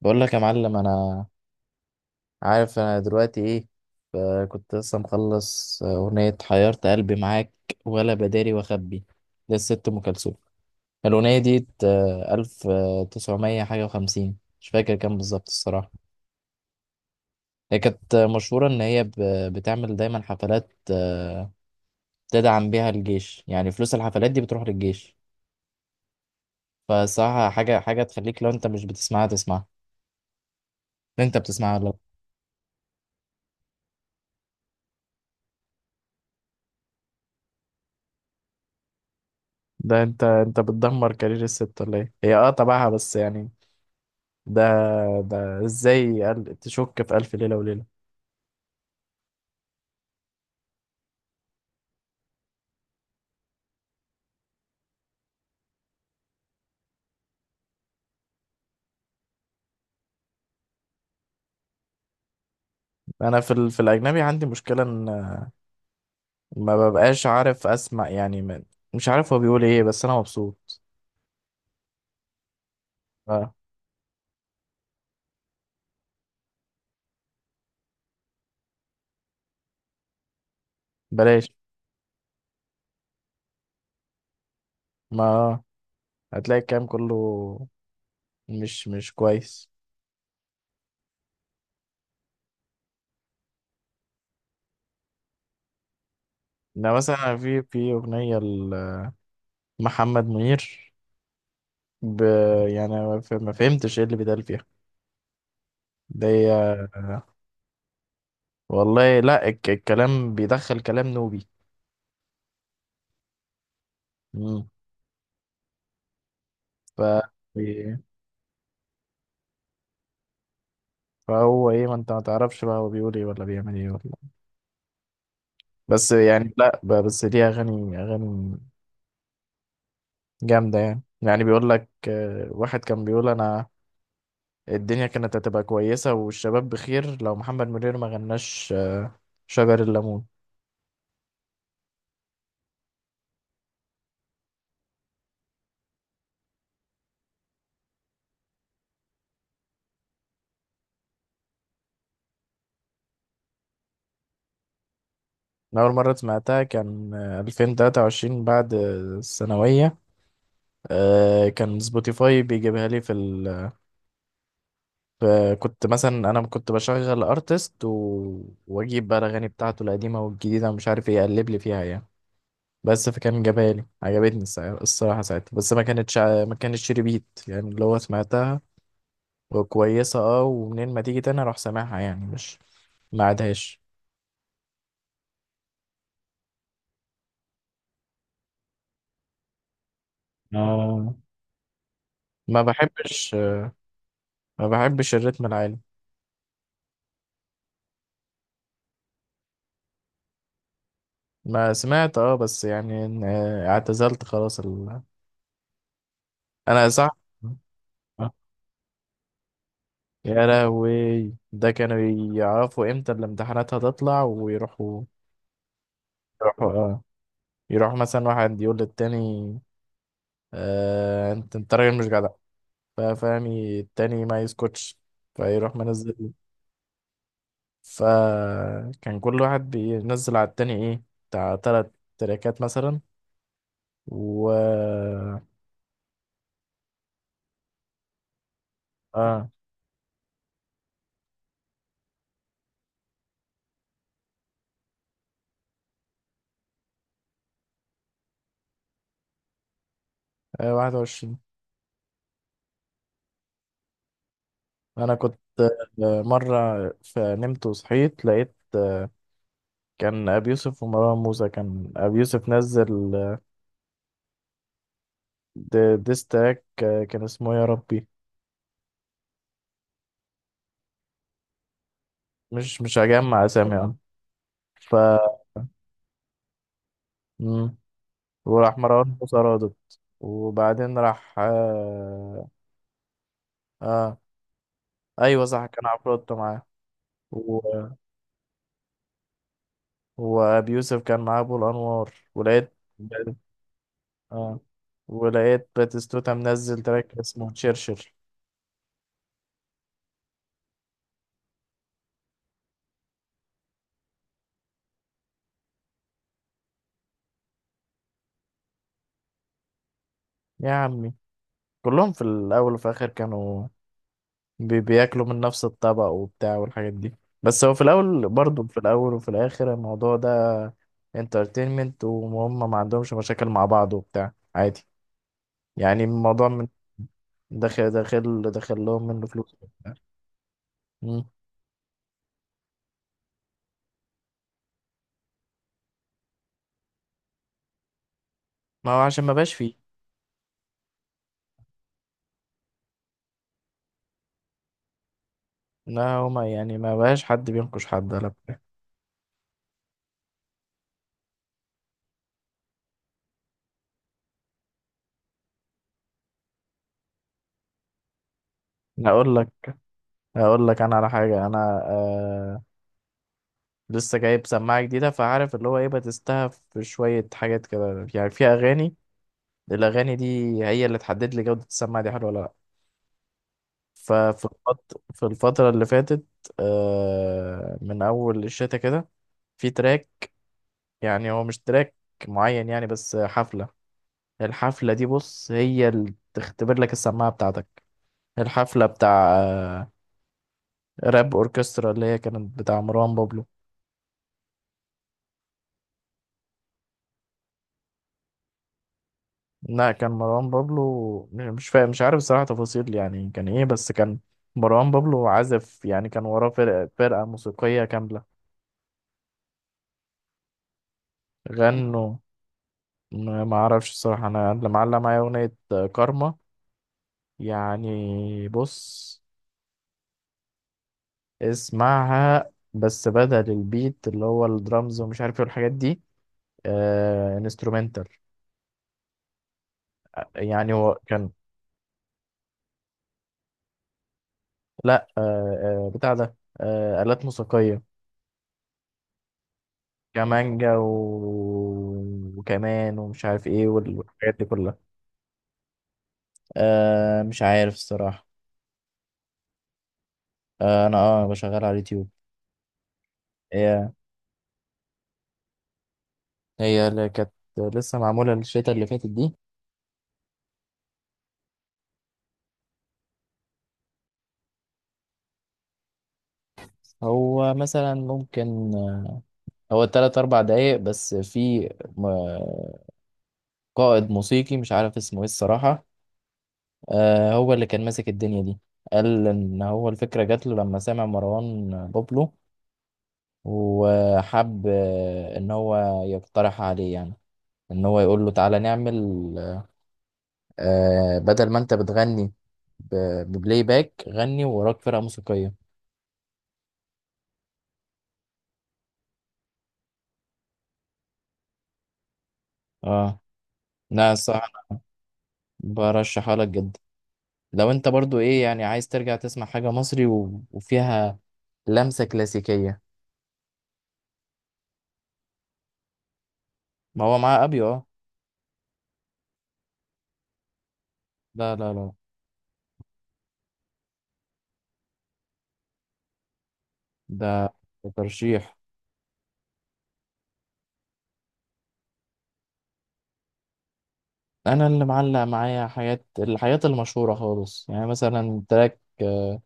بقول لك يا معلم، انا عارف انا دلوقتي ايه. ف- كنت لسه مخلص اغنية حيرت قلبي معاك ولا بداري واخبي، للست ام كلثوم. الاغنية دي الف تسعمية حاجة وخمسين، مش فاكر كام بالظبط الصراحة. هي كانت مشهورة ان هي بتعمل دايما حفلات، تدعم بيها الجيش، يعني فلوس الحفلات دي بتروح للجيش. فصراحة حاجة حاجة تخليك، لو انت مش بتسمعها تسمعها. انت بتسمعها ولا لا؟ ده انت بتدمر كارير الست ولا ايه؟ هي اه تبعها، بس يعني ده، ده ازاي تشك في ألف ليلة وليلة؟ انا في الاجنبي عندي مشكلة ان ما ببقاش عارف اسمع، يعني ما... مش عارف هو بيقول ايه، بس انا مبسوط. آه. بلاش. ما هتلاقي الكلام كله مش كويس. ده مثلا في اغنية لمحمد منير، ب... يعني ما فهمتش ايه اللي بيتقال فيها ده هي- والله. لا، الكلام بيدخل كلام نوبي. مم. ف فهو ايه؟ ما انت ما تعرفش بقى هو بيقول ايه ولا بيعمل ايه ولا، بس يعني. لا، بس دي اغاني، اغاني جامده يعني بيقول لك، واحد كان بيقول انا الدنيا كانت هتبقى كويسه والشباب بخير لو محمد منير ما غناش، شجر الليمون. أنا أول مرة سمعتها كان، 2023 بعد، الثانوية. كان سبوتيفاي بيجيبها لي ف- كنت مثلا، أنا كنت بشغل أرتست، وأجيب بقى الأغاني بتاعته القديمة والجديدة ومش عارف إيه، أقلب لي فيها يعني. بس فكان جابها لي، عجبتني الصراحة ساعتها، بس ما كانتش ما كانتش ريبيت يعني، اللي هو سمعتها وكويسة اه، ومنين ما تيجي تاني اروح سامعها، يعني مش ما عادهاش. اه. ما بحبش، ما بحبش الريتم العالي. ما سمعت اه، بس يعني اعتزلت خلاص انا صح. آه. يا لهوي، ده كانوا يعرفوا امتى الامتحانات هتطلع ويروحوا، يروحوا اه. يروح مثلا واحد يقول للتاني، آه انت راجل مش جدع. فاهم؟ التاني ما يسكتش، فيروح منزل. فكان كل واحد بينزل على التاني ايه، بتاع 3 تراكات مثلا، و اه، 21. انا كنت، مرة فنمت وصحيت لقيت، كان أبي يوسف ومروان موسى. كان أبي يوسف نزل، ديس تراك، كان اسمه يا ربي. مش هجمع أسامي يعني. ف مم. وراح مروان موسى رادت، وبعدين راح، اه ايوه صح، كان عفروتو معاه. و... وابي يوسف كان معاه ابو الانوار، ولقيت اه، ولقيت باتيستوتا منزل تراك اسمه شرشر. يا عمي، كلهم في الاول وفي الاخر كانوا بياكلوا من نفس الطبق وبتاع والحاجات دي. بس هو في الاول برضه، في الاول وفي الاخر الموضوع ده انترتينمنت، وهم ما عندهمش مشاكل مع بعض وبتاع عادي. يعني الموضوع من داخل داخل داخل لهم منه فلوس وبتاع. مم. ما هو عشان ما بقاش فيه. لا هما يعني ما بقاش حد بينقش حد ولا بتاع. أنا اقول لك انا على حاجه. انا آه، لسه جايب سماعه جديده، فعارف اللي هو ايه، بتستها في شويه حاجات كده، يعني في اغاني. الاغاني دي هي اللي تحدد لي جوده السماعه، دي حلوه ولا لا. في الفتره اللي فاتت، آه من اول الشتا كده، في تراك، يعني هو مش تراك معين يعني، بس حفله. الحفله دي بص هي اللي تختبر لك السماعه بتاعتك. الحفله بتاع راب اوركسترا، اللي هي كانت بتاع مروان بابلو. لا، كان مروان بابلو مش فاهم، مش عارف صراحة تفاصيل يعني كان ايه، بس كان مروان بابلو عازف يعني، كان وراه فرقة موسيقية كاملة، غنوا. ما اعرفش الصراحة، انا اللي معلق معايا اغنية كارما. يعني بص، اسمعها، بس بدل البيت اللي هو الدرامز ومش عارف ايه الحاجات دي، آه انسترومنتال، يعني هو كان، لا آه، بتاع ده، آه آلات موسيقية، كمانجا وكمان، ومش عارف ايه والحاجات دي كلها. آه مش عارف الصراحة. آه انا اه بشغل على اليوتيوب. هي هي اللي كانت لسه معمولة الشتا اللي فاتت دي. هو مثلا ممكن، هو تلات أربع دقايق بس، في م- قائد موسيقي مش عارف اسمه ايه الصراحة، آه هو اللي كان ماسك الدنيا دي. قال إن هو الفكرة جات له لما سمع مروان بابلو، وحب، إن هو يقترح عليه يعني، ان هو يقول له تعالى نعمل، آه بدل ما انت بتغني ببلاي باك، غني وراك فرقة موسيقية. اه، لا الصراحة، أنا برشحها لك جدا لو انت برضو ايه يعني، عايز ترجع تسمع حاجة مصري، وفيها لمسة كلاسيكية. ما هو معاه ابيو اه. لا لا لا، ده ده ترشيح. انا اللي معلق معايا حاجات، الحاجات المشهورة خالص، يعني مثلا تراك،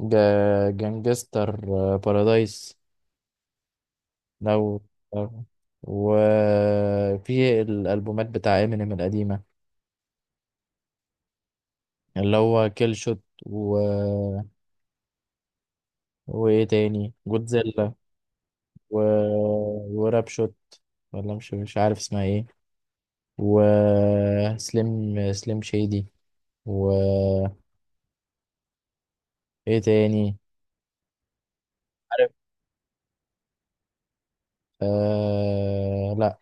جانجستر، بارادايس. لو لو- وفي الألبومات بتاع امينيم القديمة اللي هو كيل شوت، و... وايه تاني، جودزيلا، و... وراب شوت، ولا مش عارف اسمها ايه، وسليم، سليم شادي، وايه تاني. عارف آه... لا،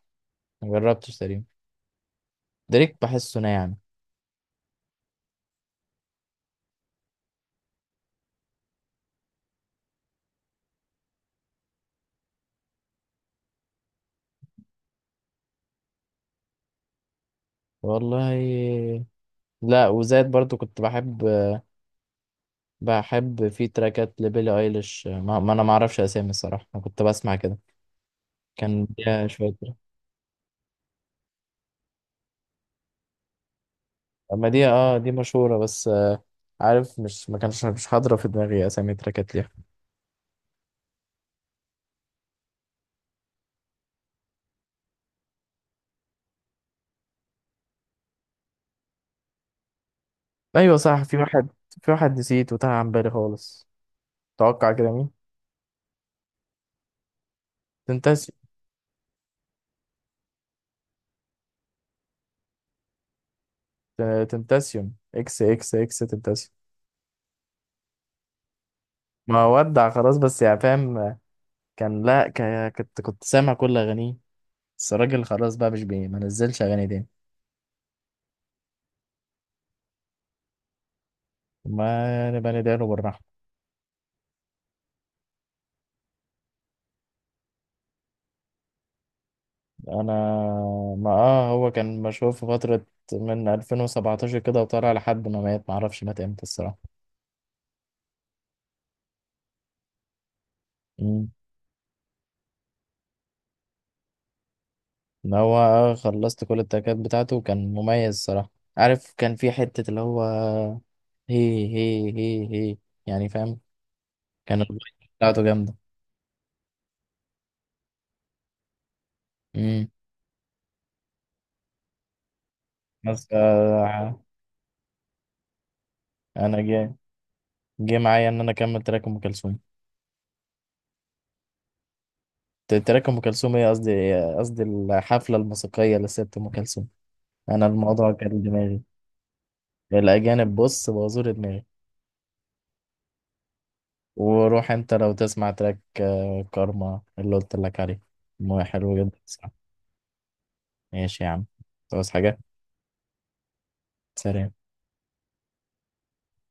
مجربتش تقريبا. دريك بحسه ناعم. والله، لا وزاد برضو كنت بحب، بحب في تراكات لبيلي ايليش، ما انا ما اعرفش اسامي الصراحه، انا كنت بسمع كده. كان ليها شويه تراك. اما دي اه دي مشهوره، بس آه عارف، مش ما كانش مش حاضره في دماغي اسامي تراكات ليها. ايوه صح، في واحد، في واحد نسيت وتاه عن بالي خالص. توقع كده مين؟ تنتاسيون. تنتاسيون، اكس اكس اكس تنتاسيون. ما ودع خلاص، بس يعني فاهم. كان لا، كنت سامع كل اغانيه، بس الراجل خلاص بقى مش بي، ما نزلش اغاني تاني. ما نبقى ندعي له بالرحمه. انا ما اه هو كان مشهور في فترة من 2017 كده، وطلع لحد ما مات، معرفش مات امتى الصراحة. امم. ان هو آه خلصت كل التراكات بتاعته، كان مميز الصراحة. عارف كان في حتة اللي هو هي هي هي هي يعني، فاهم؟ كان الفايب بتاعته جامدة. امم. بس آه، انا جه معايا ان انا اكمل تراك ام كلثوم. تراك ام كلثوم ايه؟ قصدي، قصدي الحفلة الموسيقية لست ام كلثوم. انا الموضوع كان دماغي، الأجانب بص بوظوا لي دماغي. وروح أنت لو تسمع تراك، كارما اللي قلت لك عليه، مو حلو جدا صح؟ ماشي يا عم، تعوز حاجة. سلام